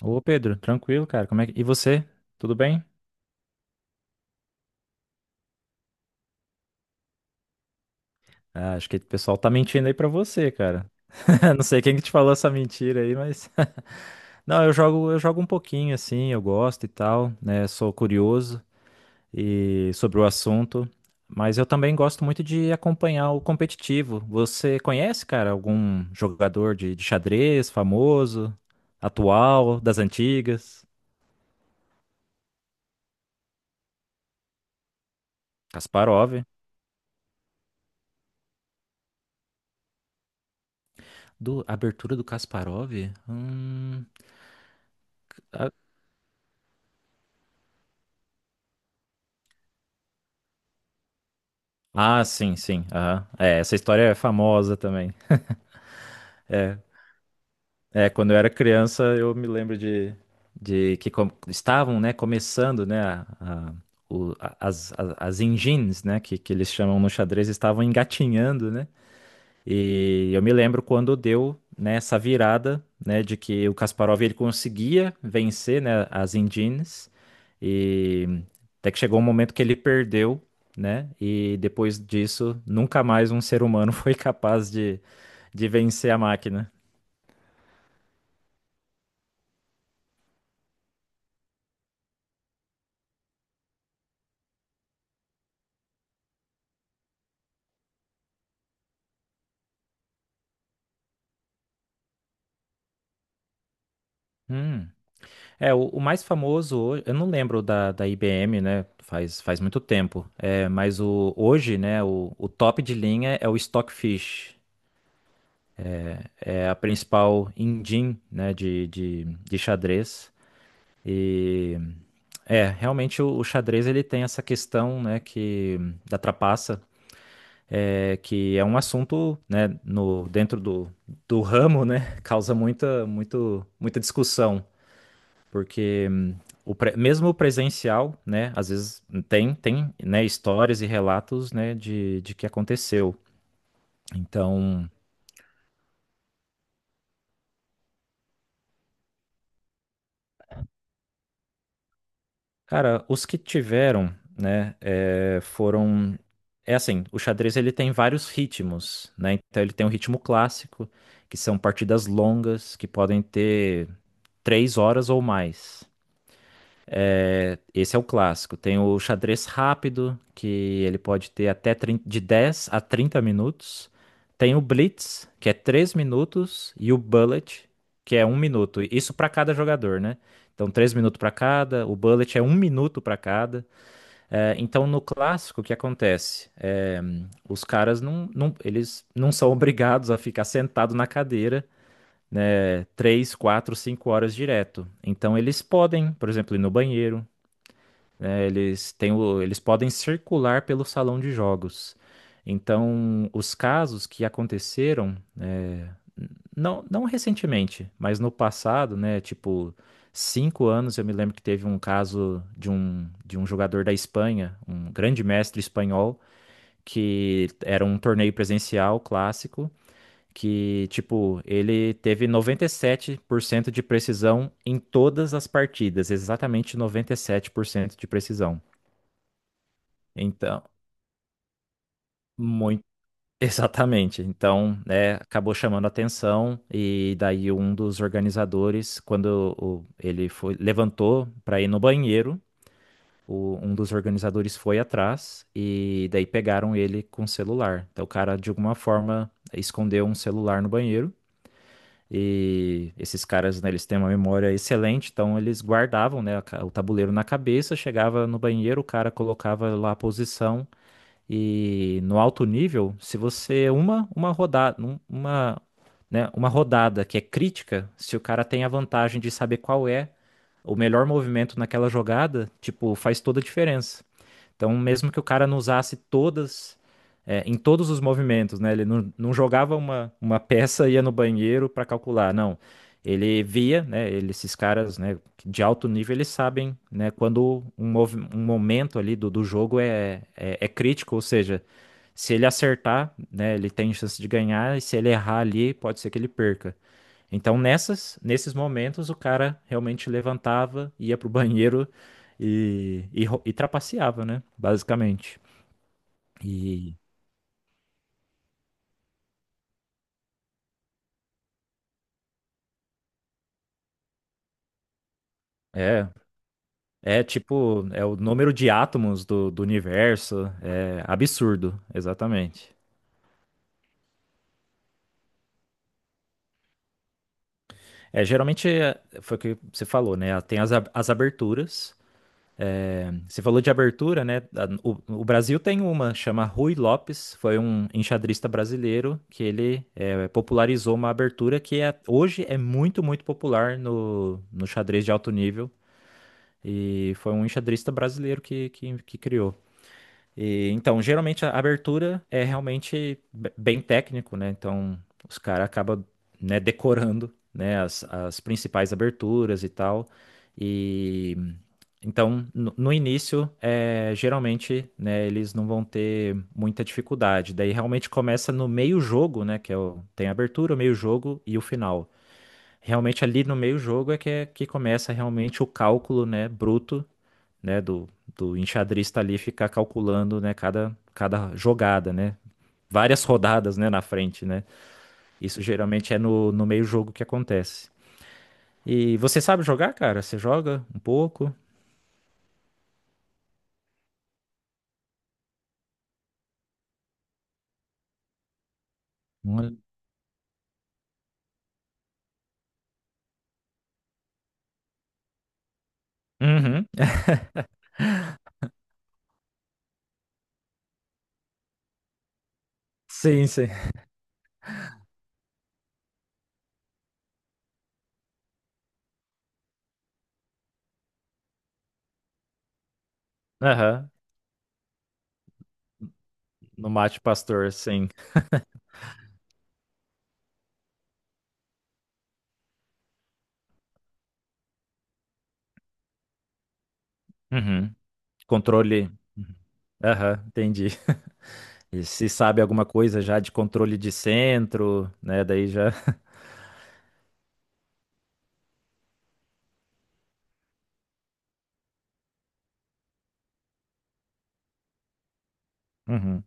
Ô Pedro, tranquilo, cara. E você? Tudo bem? Ah, acho que o pessoal tá mentindo aí pra você, cara. Não sei quem que te falou essa mentira aí, mas não, eu jogo um pouquinho assim, eu gosto e tal, né? Sou curioso e sobre o assunto, mas eu também gosto muito de acompanhar o competitivo. Você conhece, cara, algum jogador de xadrez famoso, atual, das antigas? Kasparov. Do abertura do Kasparov? Hum. Ah, sim, sim. Aham. É, essa história é famosa também. É, é, quando eu era criança, eu me lembro de estavam, né, começando, né, as engines, né, que eles chamam no xadrez, estavam engatinhando, né? E eu me lembro quando deu, né, essa virada, né, de que o Kasparov ele conseguia vencer, né, as Indians e até que chegou um momento que ele perdeu, né, e depois disso nunca mais um ser humano foi capaz de vencer a máquina. Hum. É, o mais famoso, eu não lembro da IBM, né? Faz muito tempo. É, mas hoje, né, o top de linha é o Stockfish, é a principal engine, né, de xadrez. E é, realmente o xadrez ele tem essa questão, né, que da trapaça, é, que é um assunto, né, no, dentro do ramo, né, causa muita discussão, porque mesmo o presencial, né, às vezes tem, né, histórias e relatos, né, de que aconteceu. Então, cara, os que tiveram, né, foram. É assim, o xadrez ele tem vários ritmos, né? Então ele tem um ritmo clássico, que são partidas longas, que podem ter 3 horas ou mais. É, esse é o clássico. Tem o xadrez rápido, que ele pode ter até 30 de 10 a 30 minutos. Tem o blitz, que é 3 minutos, e o bullet, que é um minuto. Isso para cada jogador, né? Então, 3 minutos para cada, o bullet é um minuto para cada. É, então, no clássico, o que acontece? É, os caras não eles não são obrigados a ficar sentado na cadeira, né, 3, 4, 5 horas direto. Então, eles podem, por exemplo, ir no banheiro, né, eles têm eles podem circular pelo salão de jogos. Então, os casos que aconteceram é. Não, não recentemente, mas no passado, né? Tipo, 5 anos eu me lembro que teve um caso de um jogador da Espanha, um grande mestre espanhol, que era um torneio presencial clássico, que, tipo, ele teve 97% de precisão em todas as partidas, exatamente 97% de precisão. Então. Exatamente. Então, né, acabou chamando a atenção e daí um dos organizadores, quando ele foi, levantou para ir no banheiro, um dos organizadores foi atrás e daí pegaram ele com o celular. Então, o cara, de alguma forma, escondeu um celular no banheiro e esses caras, né, eles têm uma memória excelente, então eles guardavam, né, o tabuleiro na cabeça, chegava no banheiro, o cara colocava lá a posição e no alto nível, se você uma rodada, um- uma, né, uma rodada que é crítica, se o cara tem a vantagem de saber qual é o melhor movimento naquela jogada, tipo, faz toda a diferença. Então, mesmo que o cara não usasse todas, em todos os movimentos, né? Ele não jogava uma peça, ia no banheiro para calcular, não. Ele via, né? Esses caras, né, de alto nível, eles sabem, né, quando um momento ali do jogo é crítico, ou seja, se ele acertar, né, ele tem chance de ganhar, e se ele errar ali, pode ser que ele perca. Então, nesses momentos, o cara realmente levantava, ia pro banheiro e trapaceava, né? Basicamente. E é, é tipo, é o número de átomos do universo, é absurdo, exatamente. É, geralmente foi o que você falou, né? Tem as aberturas. É, você falou de abertura, né? O Brasil tem uma, chama Rui Lopes, foi um enxadrista brasileiro que ele popularizou uma abertura que hoje é muito, muito popular no xadrez de alto nível. E foi um enxadrista brasileiro que criou. E, então, geralmente a abertura é realmente bem técnico, né? Então, os caras acabam, né, decorando, né, as principais aberturas e tal. E então, no início, geralmente, né, eles não vão ter muita dificuldade. Daí realmente começa no meio jogo, né, que tem a abertura, o meio jogo e o final. Realmente ali no meio jogo é que começa realmente o cálculo, né, bruto né, do enxadrista ali ficar calculando, né, cada jogada, né, várias rodadas, né, na frente, né. Isso geralmente é no meio jogo que acontece. E você sabe jogar, cara? Você joga um pouco? Olha. Uhum. Sim, sim. Aham. No Mate Pastor, sim. Uhum. Controle. Aham, entendi. E se sabe alguma coisa já de controle de centro, né? Daí já. Uhum.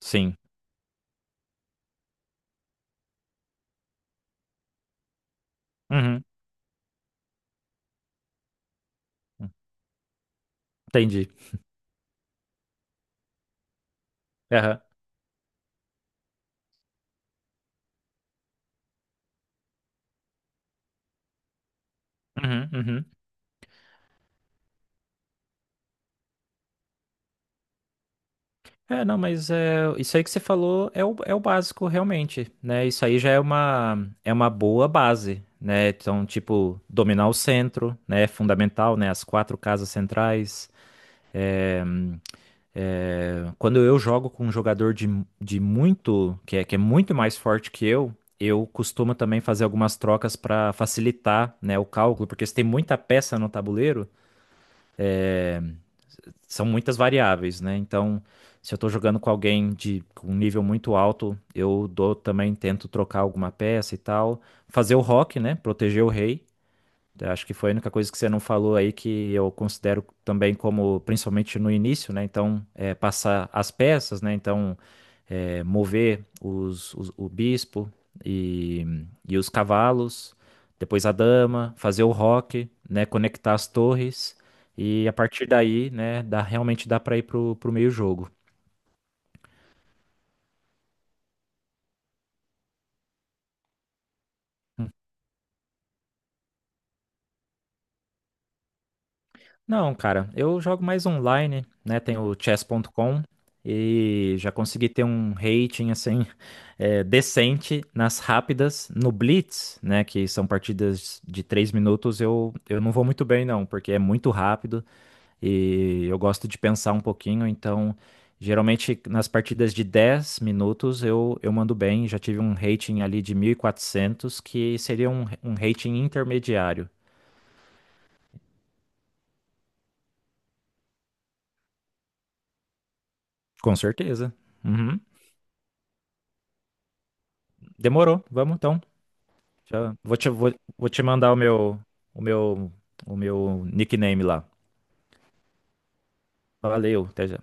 Sim. Uhum. Entendi. Aham. Uhum, uhum. É, não, mas isso aí que você falou é o básico realmente, né? Isso aí já é uma boa base, né? Então, tipo, dominar o centro, né? É fundamental, né? As quatro casas centrais. É, é, quando eu jogo com um jogador de muito, que é muito mais forte que eu costumo também fazer algumas trocas para facilitar, né, o cálculo, porque se tem muita peça no tabuleiro são muitas variáveis, né? Então, se eu tô jogando com alguém de com um nível muito alto, eu dou também, tento trocar alguma peça e tal. Fazer o rock, né? Proteger o rei. Eu acho que foi a única coisa que você não falou aí que eu considero também como, principalmente no início, né? Então, passar as peças, né? Então, mover o bispo e, e os cavalos, depois a dama, fazer o rock, né, conectar as torres e a partir daí, né, realmente dá para ir pro meio jogo. Não, cara, eu jogo mais online, né, tem o chess.com e já consegui ter um rating assim decente nas rápidas, no Blitz, né, que são partidas de 3 minutos, eu não vou muito bem não, porque é muito rápido. E eu gosto de pensar um pouquinho, então geralmente nas partidas de 10 minutos eu mando bem. Já tive um rating ali de 1.400 que seria um rating intermediário. Com certeza. Uhum. Demorou. Vamos então. Vou te mandar o meu, o meu, nickname lá. Valeu. Até, já.